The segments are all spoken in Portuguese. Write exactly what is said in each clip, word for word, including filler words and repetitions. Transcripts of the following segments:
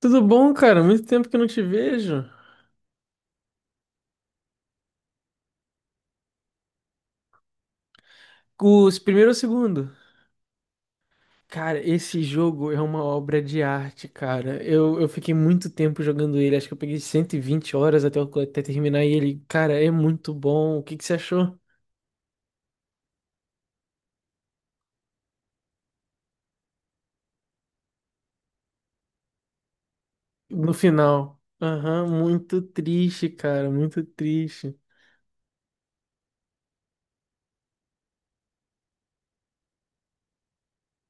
Tudo bom, cara? Muito tempo que eu não te vejo. Os primeiro ou segundo? Cara, esse jogo é uma obra de arte, cara. Eu, eu fiquei muito tempo jogando ele. Acho que eu peguei cento e vinte horas até, eu- até terminar ele. Cara, é muito bom. O que que você achou no final? Aham, muito triste, cara. Muito triste.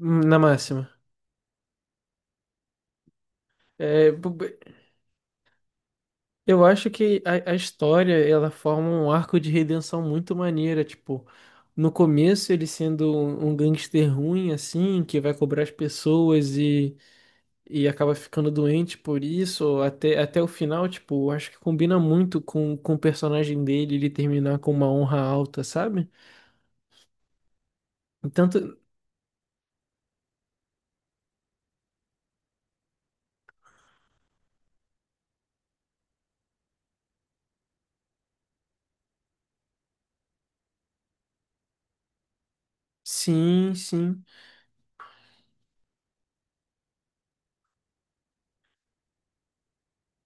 Hum, Na máxima. É, eu acho que a, a história ela forma um arco de redenção muito maneira, tipo, no começo ele sendo um, um gangster ruim assim, que vai cobrar as pessoas e, e acaba ficando doente por isso, até, até o final, tipo, eu acho que combina muito com, com o personagem dele, ele terminar com uma honra alta, sabe? Tanto, sim, sim.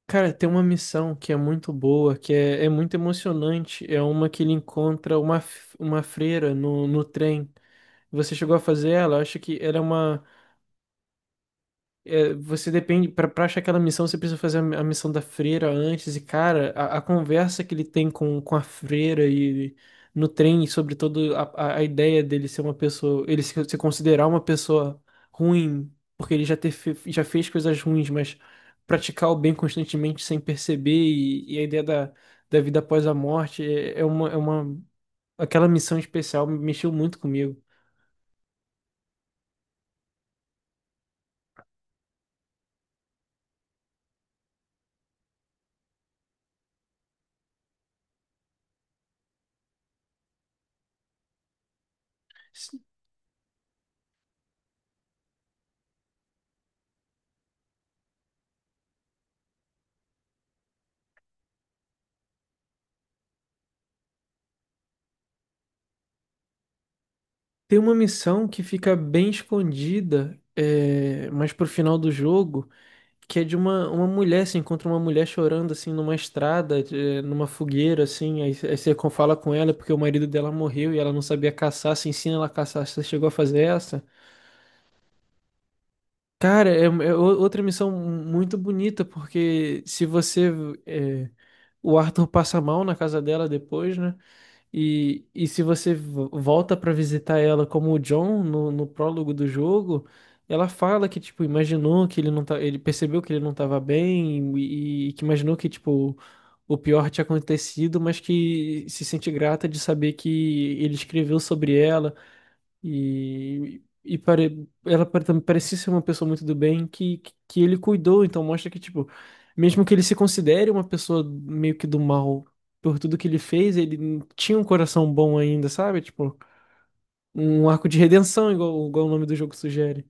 Cara, tem uma missão que é muito boa, que é, é muito emocionante. É uma que ele encontra uma, f- uma freira no, no trem. Você chegou a fazer ela? Eu acho que era uma. É, você depende. Pra, pra achar aquela missão, você precisa fazer a, a missão da freira antes. E, cara, a, a conversa que ele tem com, com a freira e no trem sobre toda a, a- a ideia dele ser uma pessoa. Ele se, se considerar uma pessoa ruim, porque ele já, ter, fe- já fez coisas ruins, mas praticar o bem constantemente sem perceber. E, e a ideia da, da vida após a morte é, é uma, é uma. Aquela missão especial mexeu muito comigo. Tem uma missão que fica bem escondida, é, mas pro final do jogo, que é de uma, uma mulher, você encontra uma mulher chorando assim numa estrada, é, numa fogueira, assim, aí, aí você con- fala com ela porque o marido dela morreu e ela não sabia caçar, você ensina ela a caçar, você chegou a fazer essa? Cara, é, é o- outra missão muito bonita, porque se você. É, o Arthur passa mal na casa dela depois, né? E, e se você vo- volta pra visitar ela como o John no, no prólogo do jogo, ela fala que, tipo, imaginou que ele não tá, ele percebeu que ele não tava bem e, e que imaginou que, tipo, o pior tinha acontecido, mas que se sente grata de saber que ele escreveu sobre ela. E, e pare... ela pare- também parecia ser uma pessoa muito do bem que, que que ele cuidou, então mostra que, tipo, mesmo que ele se considere uma pessoa meio que do mal por tudo que ele fez, ele tinha um coração bom ainda, sabe? Tipo, um arco de redenção, igual, igual o nome do jogo sugere.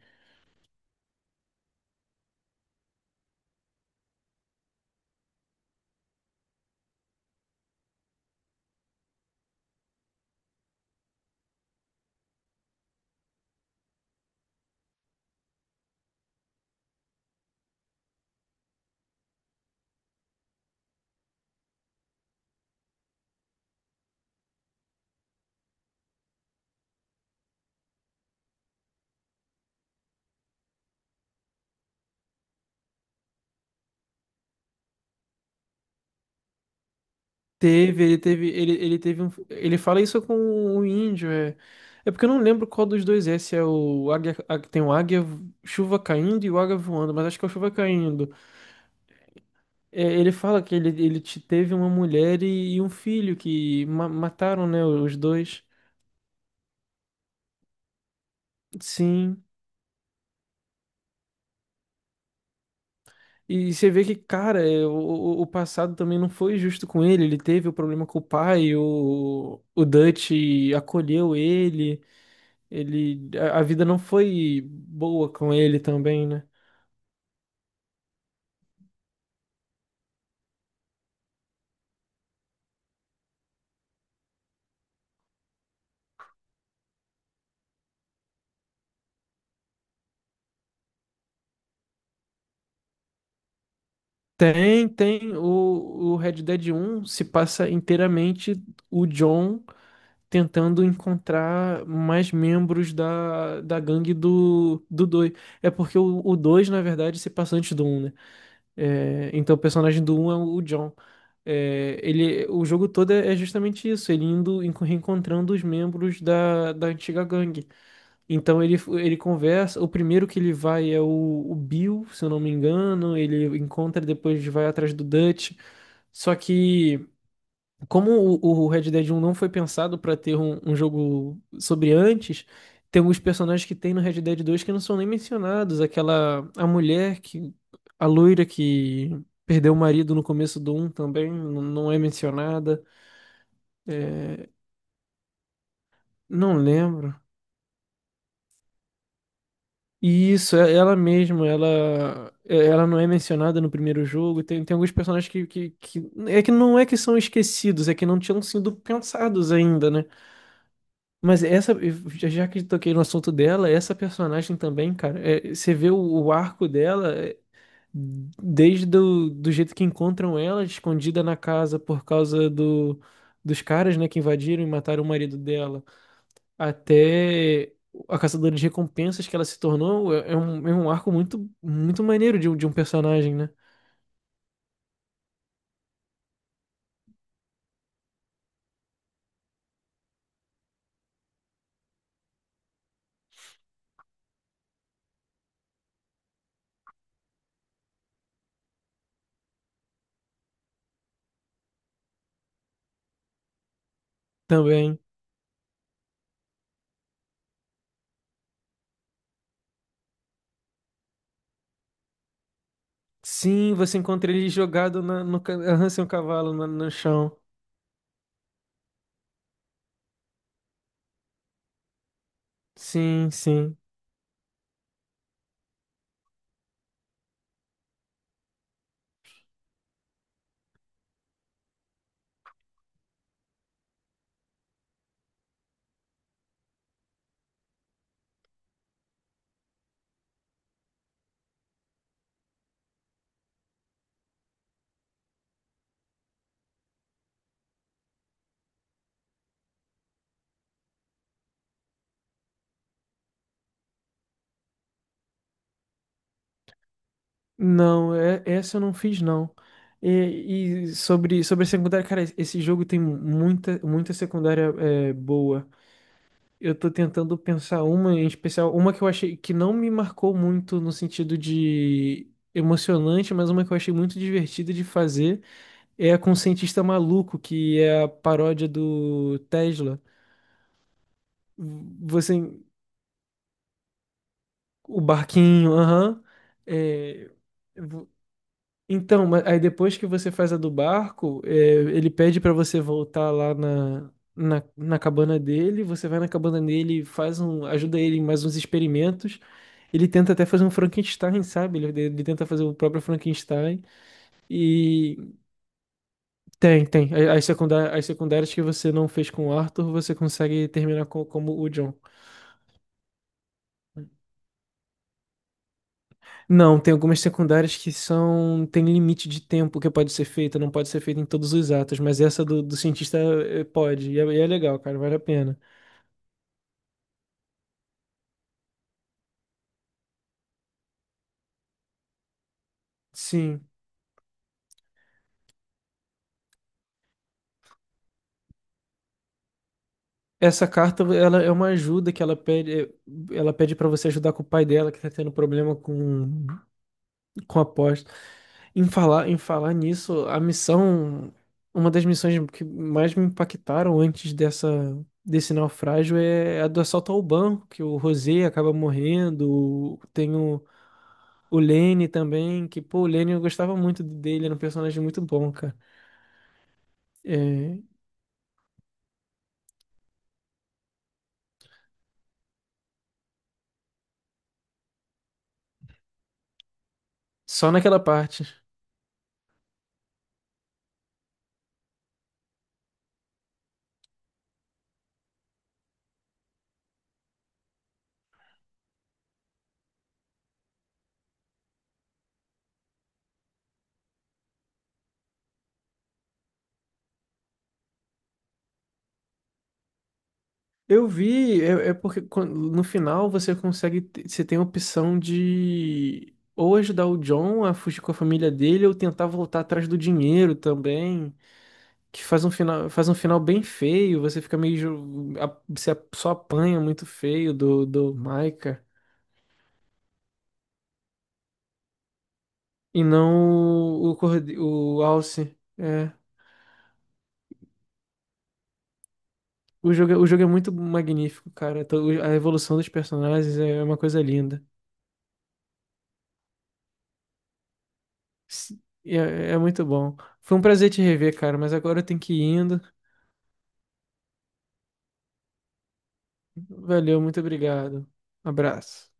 Teve, ele teve, ele, ele teve um. Ele fala isso com o índio, é. É porque eu não lembro qual dos dois é, se é o águia, a- tem o águia, chuva caindo e o águia voando, mas acho que é o chuva caindo. É, ele fala que ele, ele te- teve uma mulher e, e um filho que ma- mataram, né, os dois. Sim. E você vê que, cara, é, o, o o passado também não foi justo com ele. Ele teve o problema com o pai, o, o Dutch acolheu ele, ele, a, a vida não foi boa com ele também, né? Tem, tem. O, o Red Dead um se passa inteiramente o John. Tentando encontrar mais membros da, da gangue do, do dois. É porque o, o dois, na verdade, se passa antes do um, né? É, então o personagem do um é o John. É, ele, o jogo todo é é justamente isso, ele indo enco- reencontrando os membros da, da antiga gangue. Então ele, ele conversa, o primeiro que ele vai é o, o Bill, se eu não me engano, ele encontra, depois vai atrás do Dutch. Só que como o, o Red Dead um não foi pensado pra ter um, um jogo sobre antes, tem alguns personagens que tem no Red Dead dois que não são nem mencionados. Aquela, a mulher que, a loira que perdeu o marido no começo do um também n- não é mencionada. É, não lembro. E isso, é ela mesma, ela, é- ela não é mencionada no primeiro jogo. Tem, tem alguns personagens que, que, que. É que não é que são esquecidos, é que não tinham sido pensados ainda, né? Mas essa, já já que toquei no assunto dela, essa personagem também, cara, é, você vê o, o arco dela é, desde do, do jeito que encontram ela escondida na casa por causa do, dos caras, né, que invadiram e mataram o marido dela, até a caçadora de recompensas que ela se tornou, é, é um, é um arco muito, muito maneiro de, um- de um personagem, né? Também. Sim, você encontra ele jogado na, no, ca- aham, um cavalo na- no chão. Sim, sim. Não, é, essa eu não fiz, não. E, e sobre, sobre a secundária, cara, esse jogo tem muita, muita secundária é, boa. Eu tô tentando pensar uma em especial, uma que eu achei que não me marcou muito no sentido de emocionante, mas uma que eu achei muito divertida de fazer é a com o cientista maluco, que é a paródia do Tesla. Você, o barquinho, aham. É, então, ma- aí depois que você faz a do barco, é, ele pede pra você voltar lá na, na, na cabana dele, você vai na cabana dele, faz um, ajuda ele em mais uns experimentos. Ele tenta até fazer um Frankenstein, sabe? Ele, ele tenta fazer o próprio Frankenstein. E tem, tem. A- As secundárias, as secundárias que você não fez com o Arthur, você consegue terminar co- como o John. Não, tem algumas secundárias que são. Tem limite de tempo que pode ser feita, não pode ser feita em todos os atos, mas essa do, do cientista eh, pode, e é, e é legal, cara, vale a pena. Sim. Essa carta, ela é uma ajuda que ela pede, eh, ela pede para você ajudar com o pai dela que tá tendo problema com com a aposta. Em falar, em falar nisso, a missão, uma das missões que mais me impactaram antes dessa desse naufrágio é a do assalto ao banco, que o Rosé acaba morrendo, tem o O Lenny também, que, pô, o Lenny eu gostava muito dele, era um personagem muito bom, cara. É, só naquela parte. Eu vi, é, é porque quan- no final você consegue, te- você tem a opção de ou ajudar o John a fugir com a família dele ou tentar voltar atrás do dinheiro também, que faz um final, faz um final bem feio, você fica meio, ju- a- você a- só apanha muito feio do, do Micah e não o, o, Cord- o Alce. O jogo, é- o jogo é muito magnífico, cara. Então, a evolução dos personagens é uma coisa linda. Se- É, é muito bom. Foi um prazer te rever, cara, mas agora eu tenho que ir indo. Valeu, muito obrigado. Abraço.